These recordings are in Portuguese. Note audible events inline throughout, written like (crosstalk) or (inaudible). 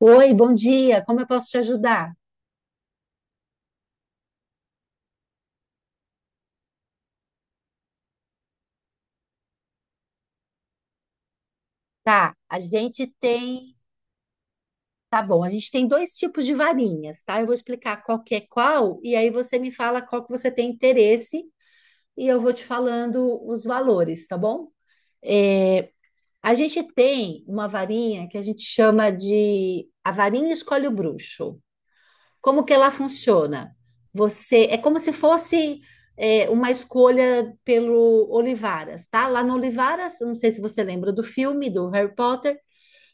Oi, bom dia. Como eu posso te ajudar? Tá, tá bom, a gente tem dois tipos de varinhas, tá? Eu vou explicar qual que é qual e aí você me fala qual que você tem interesse e eu vou te falando os valores, tá bom? É, a gente tem uma varinha que a gente chama de a varinha escolhe o bruxo. Como que ela funciona? Você é como se fosse uma escolha pelo Olivaras, tá? Lá no Olivaras, não sei se você lembra do filme do Harry Potter,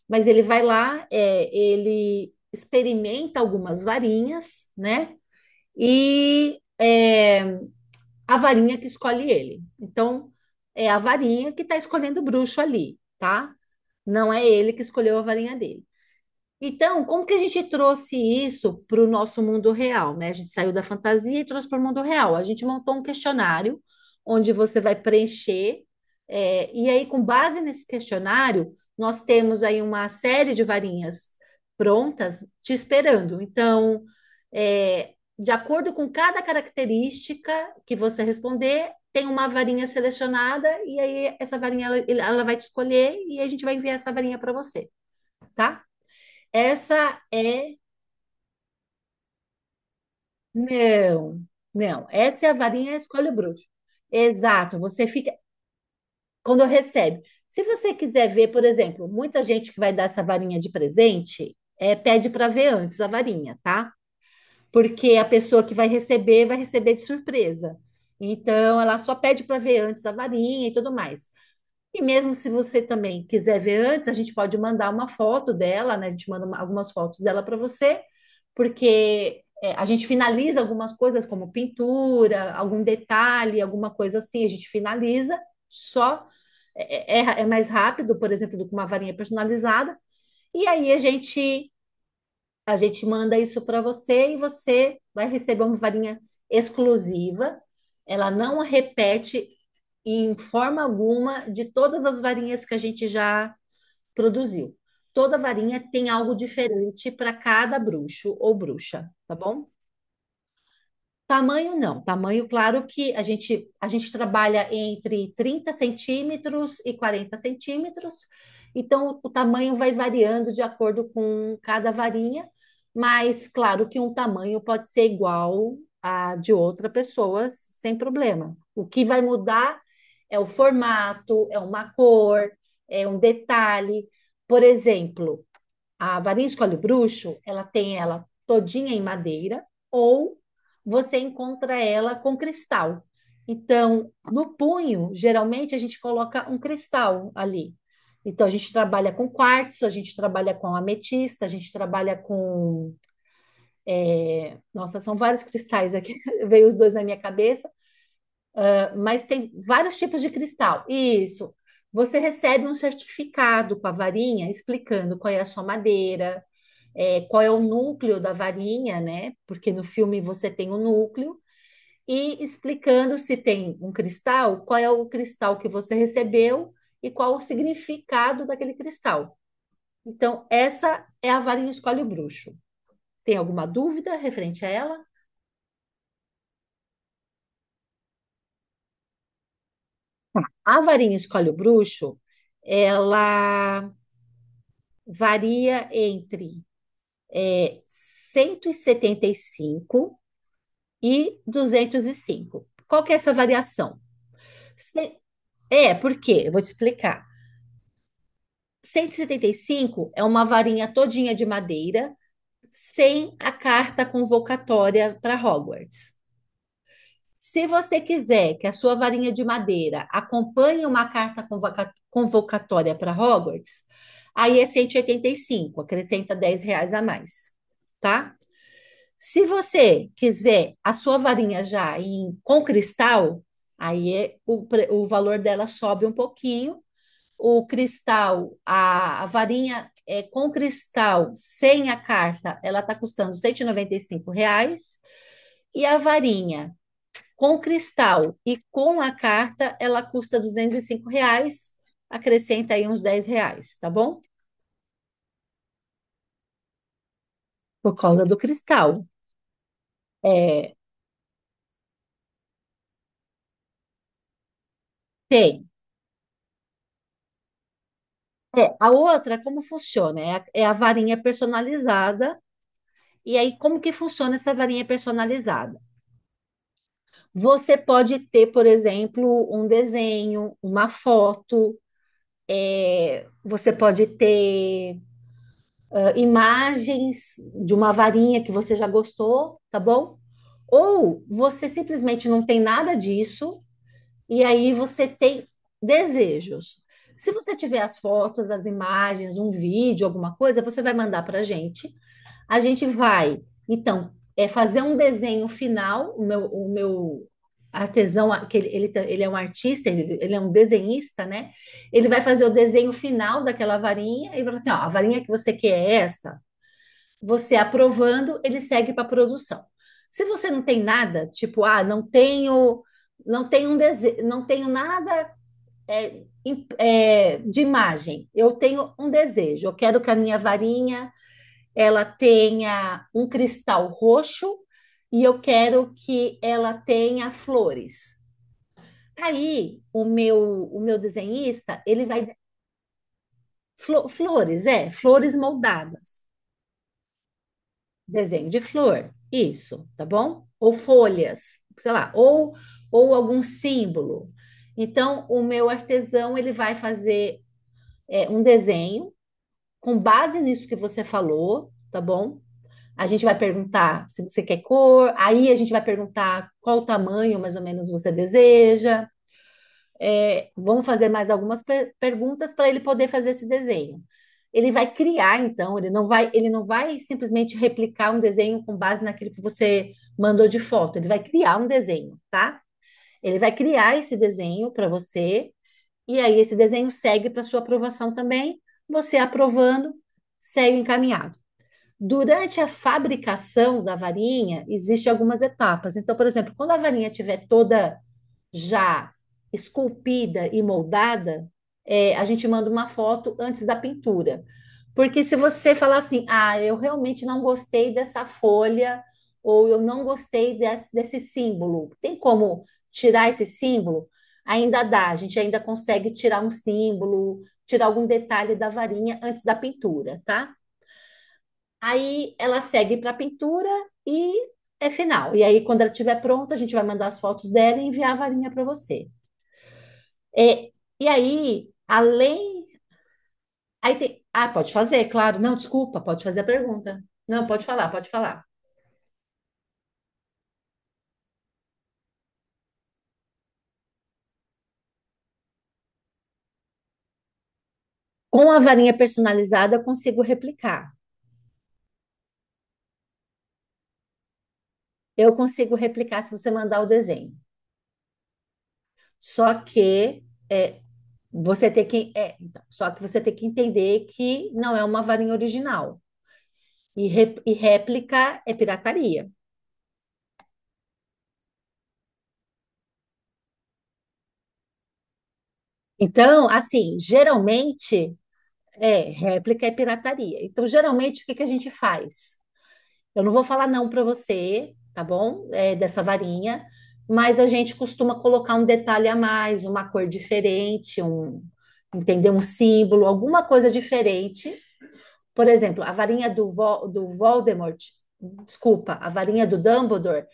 mas ele vai lá, ele experimenta algumas varinhas, né? E a varinha que escolhe ele. Então, é a varinha que está escolhendo o bruxo ali, tá? Não é ele que escolheu a varinha dele. Então, como que a gente trouxe isso para o nosso mundo real, né? A gente saiu da fantasia e trouxe para o mundo real. A gente montou um questionário onde você vai preencher, e aí, com base nesse questionário, nós temos aí uma série de varinhas prontas te esperando. Então, de acordo com cada característica que você responder, tem uma varinha selecionada, e aí essa varinha ela vai te escolher e a gente vai enviar essa varinha para você, tá? Essa é. Não, não. Essa é a varinha escolhe o bruxo. Exato. Você fica. Quando recebe. Se você quiser ver, por exemplo, muita gente que vai dar essa varinha de presente, pede para ver antes a varinha, tá? Porque a pessoa que vai receber de surpresa. Então, ela só pede para ver antes a varinha e tudo mais. E mesmo se você também quiser ver antes, a gente pode mandar uma foto dela, né? A gente manda algumas fotos dela para você, porque a gente finaliza algumas coisas como pintura, algum detalhe, alguma coisa assim, a gente finaliza só. É mais rápido, por exemplo, do que uma varinha personalizada. E aí a gente manda isso para você e você vai receber uma varinha exclusiva. Ela não repete em forma alguma de todas as varinhas que a gente já produziu. Toda varinha tem algo diferente para cada bruxo ou bruxa, tá bom? Tamanho não, tamanho, claro que a gente trabalha entre 30 cm e 40 cm, então o tamanho vai variando de acordo com cada varinha, mas claro que um tamanho pode ser igual a de outra pessoa, sem problema. O que vai mudar é o formato, é uma cor, é um detalhe. Por exemplo, a varinha de coalho bruxo, ela tem ela todinha em madeira ou você encontra ela com cristal. Então, no punho, geralmente a gente coloca um cristal ali. Então, a gente trabalha com quartzo, a gente trabalha com ametista, a gente trabalha com. Nossa, são vários cristais aqui, (laughs) veio os dois na minha cabeça, mas tem vários tipos de cristal. Isso. Você recebe um certificado com a varinha explicando qual é a sua madeira, qual é o núcleo da varinha, né? Porque no filme você tem o núcleo, e explicando se tem um cristal, qual é o cristal que você recebeu e qual o significado daquele cristal. Então, essa é a varinha escolhe o bruxo. Tem alguma dúvida referente a ela? A varinha escolhe o bruxo, ela varia entre é, 175 e 205. Qual que é essa variação? Por quê? Eu vou te explicar. 175 é uma varinha todinha de madeira sem a carta convocatória para Hogwarts. Se você quiser que a sua varinha de madeira acompanhe uma carta convocatória para Hogwarts, aí é 185, acrescenta R$ 10 a mais, tá? Se você quiser a sua varinha já em, com cristal, aí o valor dela sobe um pouquinho o cristal, a varinha com cristal, sem a carta, ela está custando R$ 195, e a varinha com cristal e com a carta, ela custa R$ 205, acrescenta aí uns 10 reais, tá bom? Por causa do cristal. É, tem. É, a outra, como funciona? É a varinha personalizada. E aí, como que funciona essa varinha personalizada? Você pode ter, por exemplo, um desenho, uma foto, você pode ter imagens de uma varinha que você já gostou, tá bom? Ou você simplesmente não tem nada disso e aí você tem desejos. Se você tiver as fotos, as imagens, um vídeo, alguma coisa, você vai mandar para a gente vai, então, é fazer um desenho final, o meu artesão, que ele é um artista, ele é um desenhista, né? Ele vai fazer o desenho final daquela varinha e vai falar assim, ó, a varinha que você quer é essa. Você aprovando, ele segue para produção. Se você não tem nada, tipo, ah, não tenho um desejo, não tenho nada de imagem. Eu tenho um desejo, eu quero que a minha varinha ela tenha um cristal roxo e eu quero que ela tenha flores. Tá Aí o meu desenhista, ele vai flores moldadas. Desenho de flor, isso, tá bom? Ou folhas, sei lá, ou algum símbolo. Então, o meu artesão, ele vai fazer um desenho com base nisso que você falou, tá bom? A gente vai perguntar se você quer cor, aí a gente vai perguntar qual tamanho mais ou menos você deseja. Vamos fazer mais algumas perguntas para ele poder fazer esse desenho. Ele vai criar, então, ele não vai simplesmente replicar um desenho com base naquilo que você mandou de foto. Ele vai criar um desenho, tá? Ele vai criar esse desenho para você, e aí esse desenho segue para sua aprovação também. Você aprovando, segue encaminhado. Durante a fabricação da varinha, existem algumas etapas. Então, por exemplo, quando a varinha estiver toda já esculpida e moldada, a gente manda uma foto antes da pintura. Porque se você falar assim, ah, eu realmente não gostei dessa folha, ou eu não gostei desse símbolo, tem como tirar esse símbolo? Ainda dá, a gente ainda consegue tirar um símbolo, tirar algum detalhe da varinha antes da pintura, tá? Aí ela segue para a pintura e é final. E aí, quando ela estiver pronta, a gente vai mandar as fotos dela e enviar a varinha para você. É, e aí, além. Aí tem, pode fazer, claro. Não, desculpa, pode fazer a pergunta. Não, pode falar, pode falar. Com a varinha personalizada, eu consigo replicar. Eu consigo replicar se você mandar o desenho. Só que é, você tem que. Só que você tem que entender que não é uma varinha original. E, e réplica é pirataria. Então, assim, geralmente é réplica e pirataria. Então, geralmente, o que que a gente faz? Eu não vou falar não para você, tá bom? Dessa varinha, mas a gente costuma colocar um detalhe a mais, uma cor diferente, um, entendeu? Um símbolo, alguma coisa diferente. Por exemplo, a varinha do Voldemort, desculpa, a varinha do Dumbledore,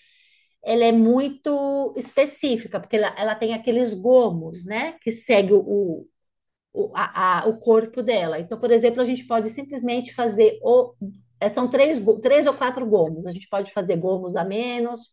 ela é muito específica, porque ela tem aqueles gomos, né? Que segue o corpo dela. Então, por exemplo, a gente pode simplesmente fazer são três ou quatro gomos. A gente pode fazer gomos a menos,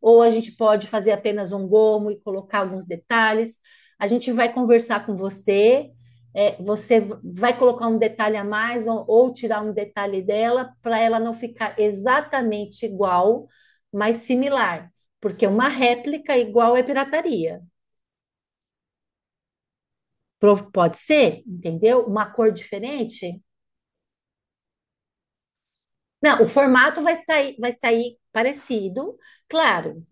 ou a gente pode fazer apenas um gomo e colocar alguns detalhes. A gente vai conversar com você, você vai colocar um detalhe a mais ou tirar um detalhe dela para ela não ficar exatamente igual, mas similar, porque uma réplica igual é pirataria. Pode ser, entendeu? Uma cor diferente. Não, o formato vai sair, parecido, claro.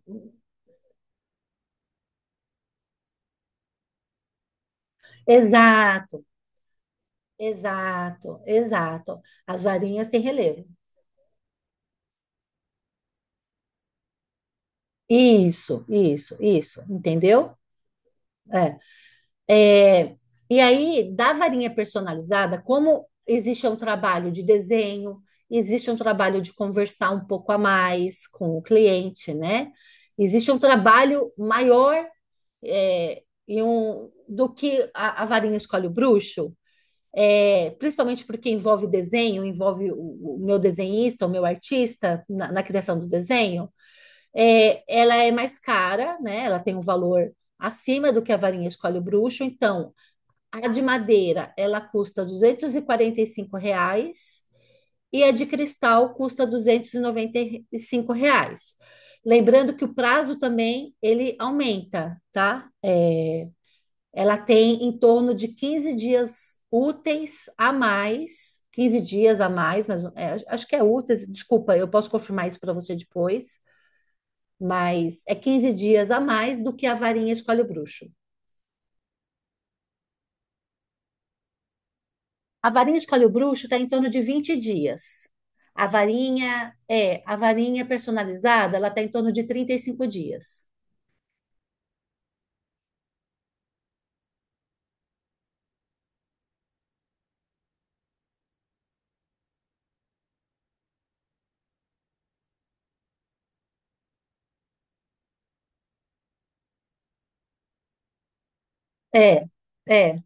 Exato, exato, exato. As varinhas têm relevo. Isso, entendeu? É. É, e aí, da varinha personalizada, como existe um trabalho de desenho, existe um trabalho de conversar um pouco a mais com o cliente, né? Existe um trabalho maior do que a varinha escolhe o bruxo, principalmente porque envolve desenho, envolve o meu desenhista, o meu artista na criação do desenho, ela é mais cara, né? Ela tem um valor acima do que a varinha escolhe o bruxo. Então, a de madeira, ela custa R$ 245 e a de cristal custa R$ 295. Lembrando que o prazo também ele aumenta, tá? Ela tem em torno de 15 dias úteis a mais, 15 dias a mais, mas é, acho que é úteis, desculpa, eu posso confirmar isso para você depois, mas é 15 dias a mais do que a varinha escolhe o bruxo. A varinha escolhe o bruxo está em torno de 20 dias. A varinha personalizada, ela está em torno de 35 dias. É, é,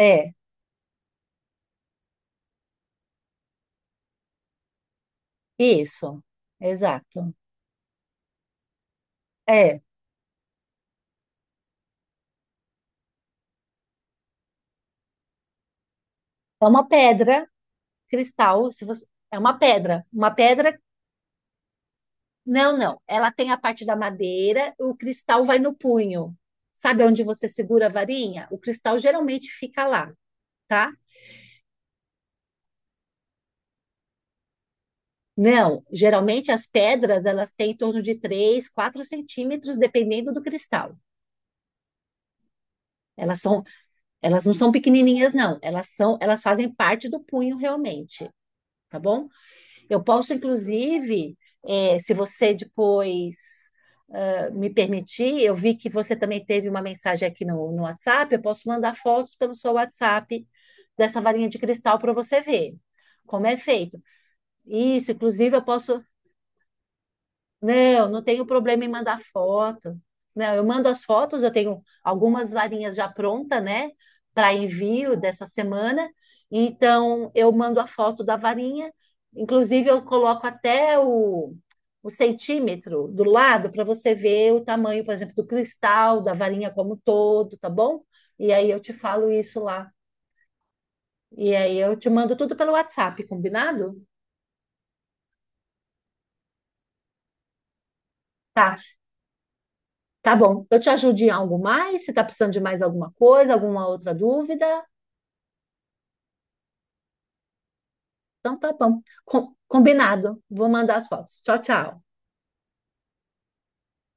é, isso. Exato. É uma pedra cristal, se você, é uma pedra, uma pedra. Não, não. Ela tem a parte da madeira, o cristal vai no punho. Sabe onde você segura a varinha? O cristal geralmente fica lá, tá? Não, geralmente as pedras elas têm em torno de 3 a 4 cm, dependendo do cristal. Elas são, Elas não são pequenininhas, não. Elas fazem parte do punho realmente, tá bom? Eu posso, inclusive, se você depois me permitir, eu vi que você também teve uma mensagem aqui no WhatsApp, eu posso mandar fotos pelo seu WhatsApp dessa varinha de cristal para você ver como é feito. Isso, inclusive, eu posso não, não tenho problema em mandar foto. Não, eu mando as fotos, eu tenho algumas varinhas já pronta, né, para envio dessa semana. Então, eu mando a foto da varinha. Inclusive, eu coloco até o centímetro do lado para você ver o tamanho, por exemplo, do cristal, da varinha como um todo, tá bom? E aí eu te falo isso lá. E aí eu te mando tudo pelo WhatsApp, combinado? Tá. Tá bom. Eu te ajudo em algo mais? Você tá precisando de mais alguma coisa, alguma outra dúvida? Então tá bom. Combinado. Vou mandar as fotos. Tchau, tchau.